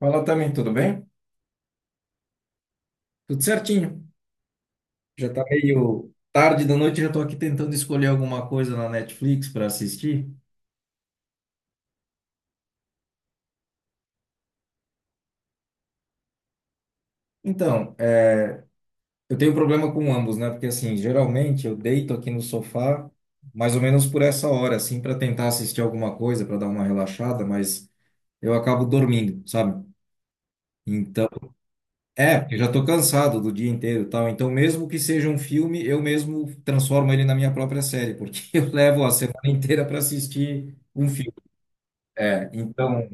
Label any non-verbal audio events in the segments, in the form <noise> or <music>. Fala também, tudo bem? Tudo certinho. Já tá meio tarde da noite, já tô aqui tentando escolher alguma coisa na Netflix para assistir. Então, é, eu tenho um problema com ambos, né? Porque assim, geralmente eu deito aqui no sofá mais ou menos por essa hora, assim, para tentar assistir alguma coisa, para dar uma relaxada, mas eu acabo dormindo, sabe? Então, porque eu já tô cansado do dia inteiro, e tal. Então, mesmo que seja um filme, eu mesmo transformo ele na minha própria série, porque <laughs> eu levo a semana inteira para assistir um filme. É, então.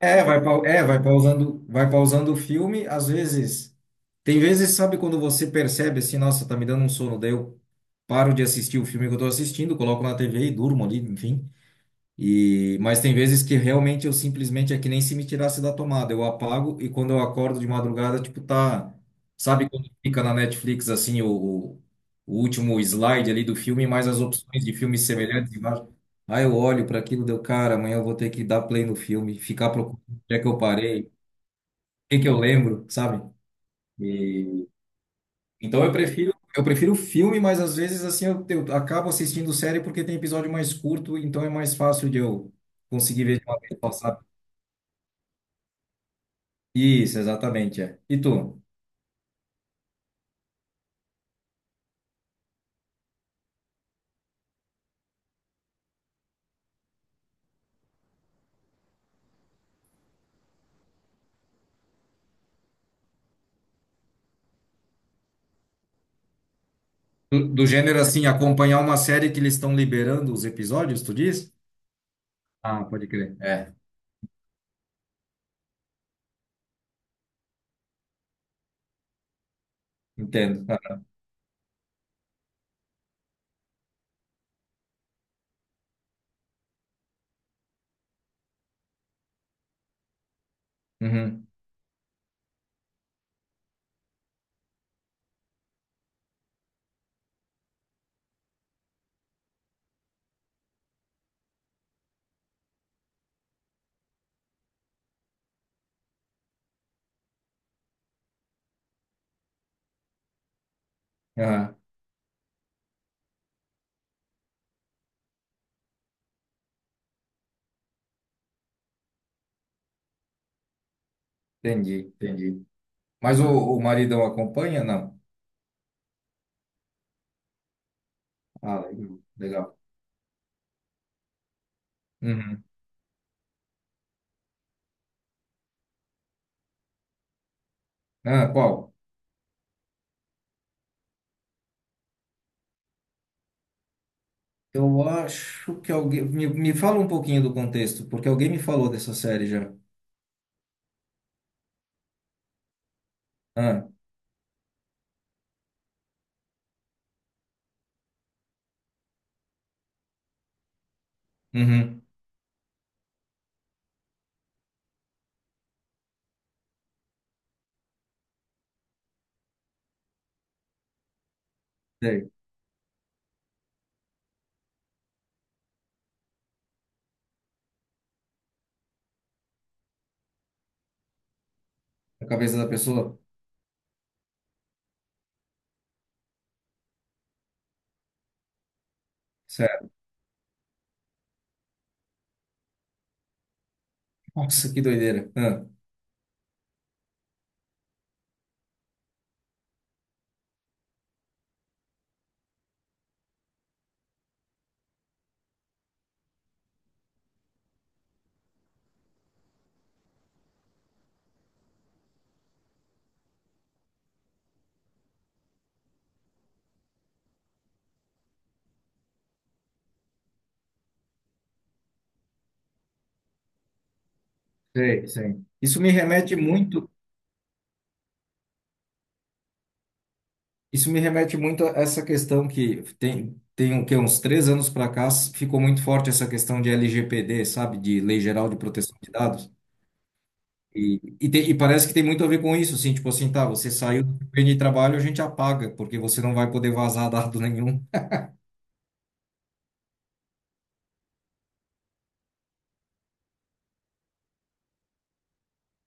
É, vai, é, vai pausando o filme, às vezes. Tem vezes, sabe, quando você percebe assim, nossa, tá me dando um sono, daí eu paro de assistir o filme que eu tô assistindo, coloco na TV e durmo ali, enfim. E, mas tem vezes que realmente eu simplesmente é que nem se me tirasse da tomada. Eu apago e quando eu acordo de madrugada, tipo, tá. Sabe quando fica na Netflix assim o, o último slide ali do filme, mais as opções de filmes semelhantes embaixo? Aí eu olho para aquilo, deu, cara, amanhã eu vou ter que dar play no filme, ficar procurando onde é que eu parei, o que que eu lembro, sabe? E, então eu prefiro. Eu prefiro filme, mas às vezes assim eu acabo assistindo série porque tem episódio mais curto, então é mais fácil de eu conseguir ver de uma vez só, sabe? Isso, exatamente, é. E tu? Do gênero assim, acompanhar uma série que eles estão liberando os episódios, tu diz? Ah, pode crer. É, entendo. Ah, uhum, aham, entendi, entendi. Mas o maridão acompanha? Não. Ah, legal. Legal. Uhum. Ah, qual? Eu acho que alguém. Me fala um pouquinho do contexto, porque alguém me falou dessa série já. Ah, uhum. Sei. A cabeça da pessoa? Certo. Nossa, que doideira. Ah, sei, sei. Isso me remete muito. Isso me remete muito a essa questão que tem, tem o quê? Uns três anos para cá ficou muito forte essa questão de LGPD, sabe? De Lei Geral de Proteção de Dados. E parece que tem muito a ver com isso, assim, tipo assim, tá, você saiu do ambiente de trabalho, a gente apaga, porque você não vai poder vazar <laughs> dado nenhum.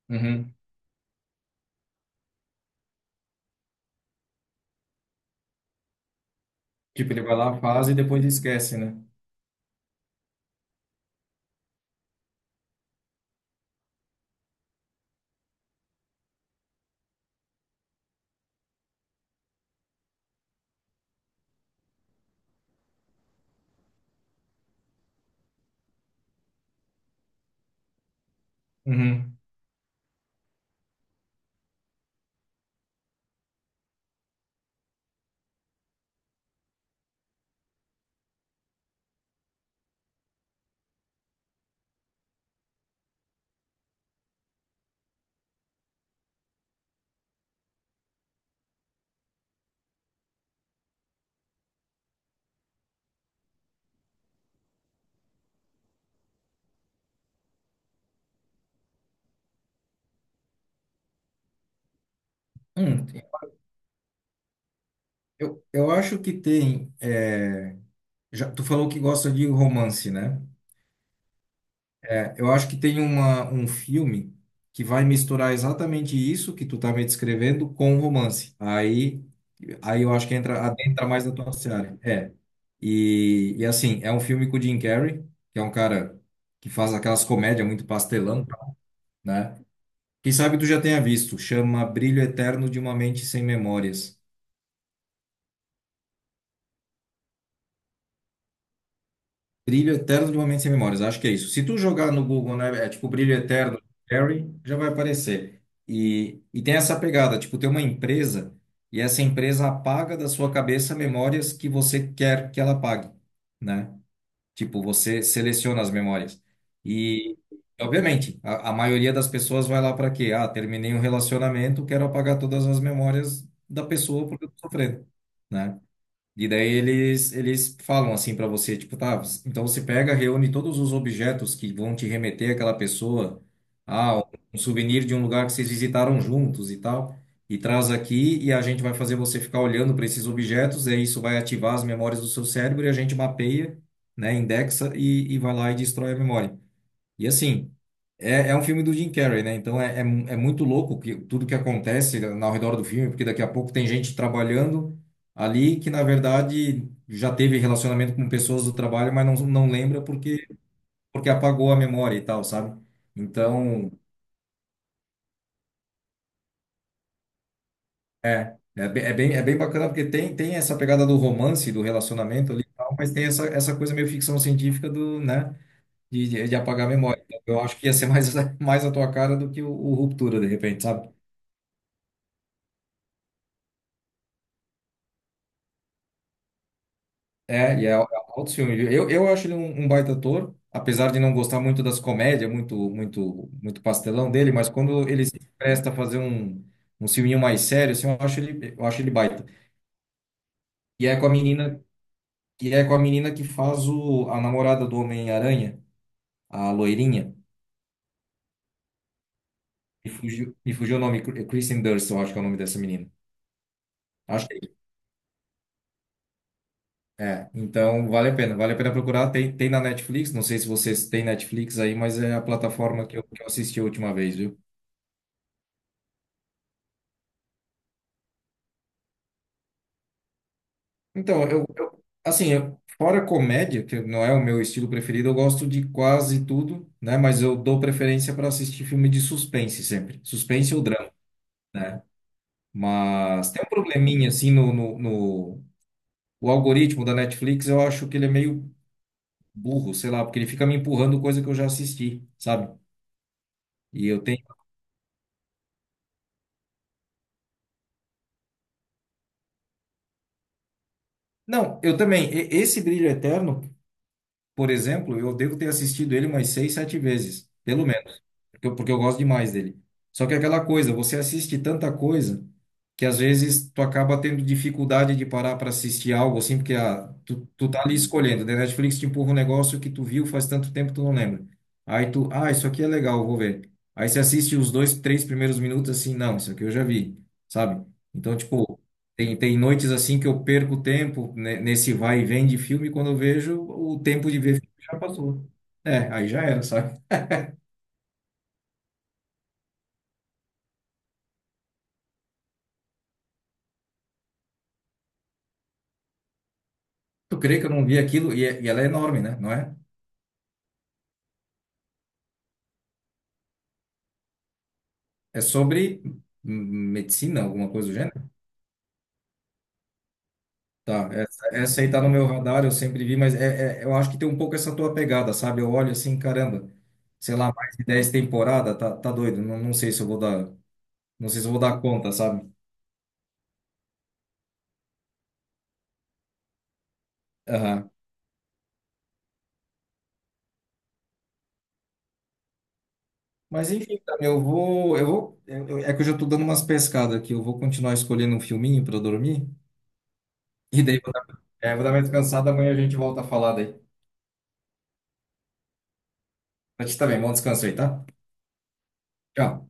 Uhum. Tipo, ele vai lá, faz e depois esquece, né? Uhum. Hum, eu acho que tem. É, já, tu falou que gosta de romance, né? É, eu acho que tem uma, um filme que vai misturar exatamente isso que tu tá me descrevendo com romance. Aí, aí eu acho que entra, adentra mais na tua seara. É. E assim, é um filme com o Jim Carrey, que é um cara que faz aquelas comédias muito pastelão, né? Quem sabe tu já tenha visto, chama Brilho Eterno de uma Mente Sem Memórias. Brilho Eterno de Momentos Sem Memórias, acho que é isso. Se tu jogar no Google, né, é tipo Brilho Eterno Harry, já vai aparecer. E tem essa pegada, tipo, tem uma empresa e essa empresa apaga da sua cabeça memórias que você quer que ela apague, né? Tipo, você seleciona as memórias. E, obviamente, a maioria das pessoas vai lá para quê? Ah, terminei um relacionamento, quero apagar todas as memórias da pessoa porque eu tô sofrendo, né? E daí eles falam assim pra você, tipo, tá, você- então você pega, reúne todos os objetos que vão te remeter àquela pessoa, ah, um souvenir de um lugar que vocês visitaram juntos e tal, e traz aqui e a gente vai fazer você ficar olhando para esses objetos, e aí isso vai ativar as memórias do seu cérebro e a gente mapeia, né, indexa e vai lá e destrói a memória. E assim, é, é um filme do Jim Carrey, né? Então é, é, é muito louco que, tudo que acontece ao redor do filme, porque daqui a pouco tem gente trabalhando ali que, na verdade, já teve relacionamento com pessoas do trabalho, mas não, não lembra porque apagou a memória e tal, sabe? Então, é, é, é bem bacana porque tem, tem essa pegada do romance, do relacionamento ali e tal, mas tem essa, essa coisa meio ficção científica do, né? De, de apagar a memória. Eu acho que ia ser mais, <laughs> mais a tua cara do que o Ruptura, de repente, sabe? É, e é outro filme. Viu? Eu acho ele um, um baita ator, apesar de não gostar muito das comédias, muito, muito, muito pastelão dele, mas quando ele se presta a fazer um, um filminho mais sério, assim, eu acho ele baita. E é com a menina, e é com a menina que faz a namorada do Homem-Aranha, a loirinha. Me fugiu o nome, Kristen Dunst, eu acho que é o nome dessa menina. Acho que é. É, então vale a pena procurar. Tem, tem na Netflix, não sei se vocês têm Netflix aí, mas é a plataforma que que eu assisti a última vez, viu? Então, assim, fora comédia, que não é o meu estilo preferido, eu gosto de quase tudo, né? Mas eu dou preferência para assistir filme de suspense sempre. Suspense ou drama, né? Mas tem um probleminha, assim, o algoritmo da Netflix, eu acho que ele é meio burro, sei lá, porque ele fica me empurrando coisa que eu já assisti, sabe? E eu tenho. Não, eu também. Esse Brilho Eterno, por exemplo, eu devo ter assistido ele umas seis, sete vezes, pelo menos. Porque eu gosto demais dele. Só que é aquela coisa, você assiste tanta coisa que às vezes tu acaba tendo dificuldade de parar para assistir algo assim, porque ah, tu tá ali escolhendo, né? Netflix te empurra um negócio que tu viu faz tanto tempo que tu não lembra. Aí tu, ah, isso aqui é legal, vou ver. Aí você assiste os dois, três primeiros minutos assim, não, isso aqui eu já vi, sabe? Então, tipo, tem, tem noites assim que eu perco tempo né, nesse vai e vem de filme, quando eu vejo, o tempo de ver filme já passou. É, aí já era, sabe? Tu crê que eu não vi aquilo? E ela é enorme, né? Não é? É sobre hum, medicina, alguma coisa do gênero? Tá, essa aí tá no meu radar, eu sempre vi, mas eu acho que tem um pouco essa tua pegada, sabe? Eu olho assim, caramba, sei lá, mais de 10 temporadas, tá, tá doido, não, não sei se eu vou dar, não sei se eu vou dar conta, sabe? Aham. Mas enfim, cara, eu vou, é que eu já tô dando umas pescadas aqui, eu vou continuar escolhendo um filminho pra eu dormir, e daí vou dar, é, vou dar uma descansada, amanhã a gente volta a falar daí. Pra ti também, bom descanso aí, tá? Tchau.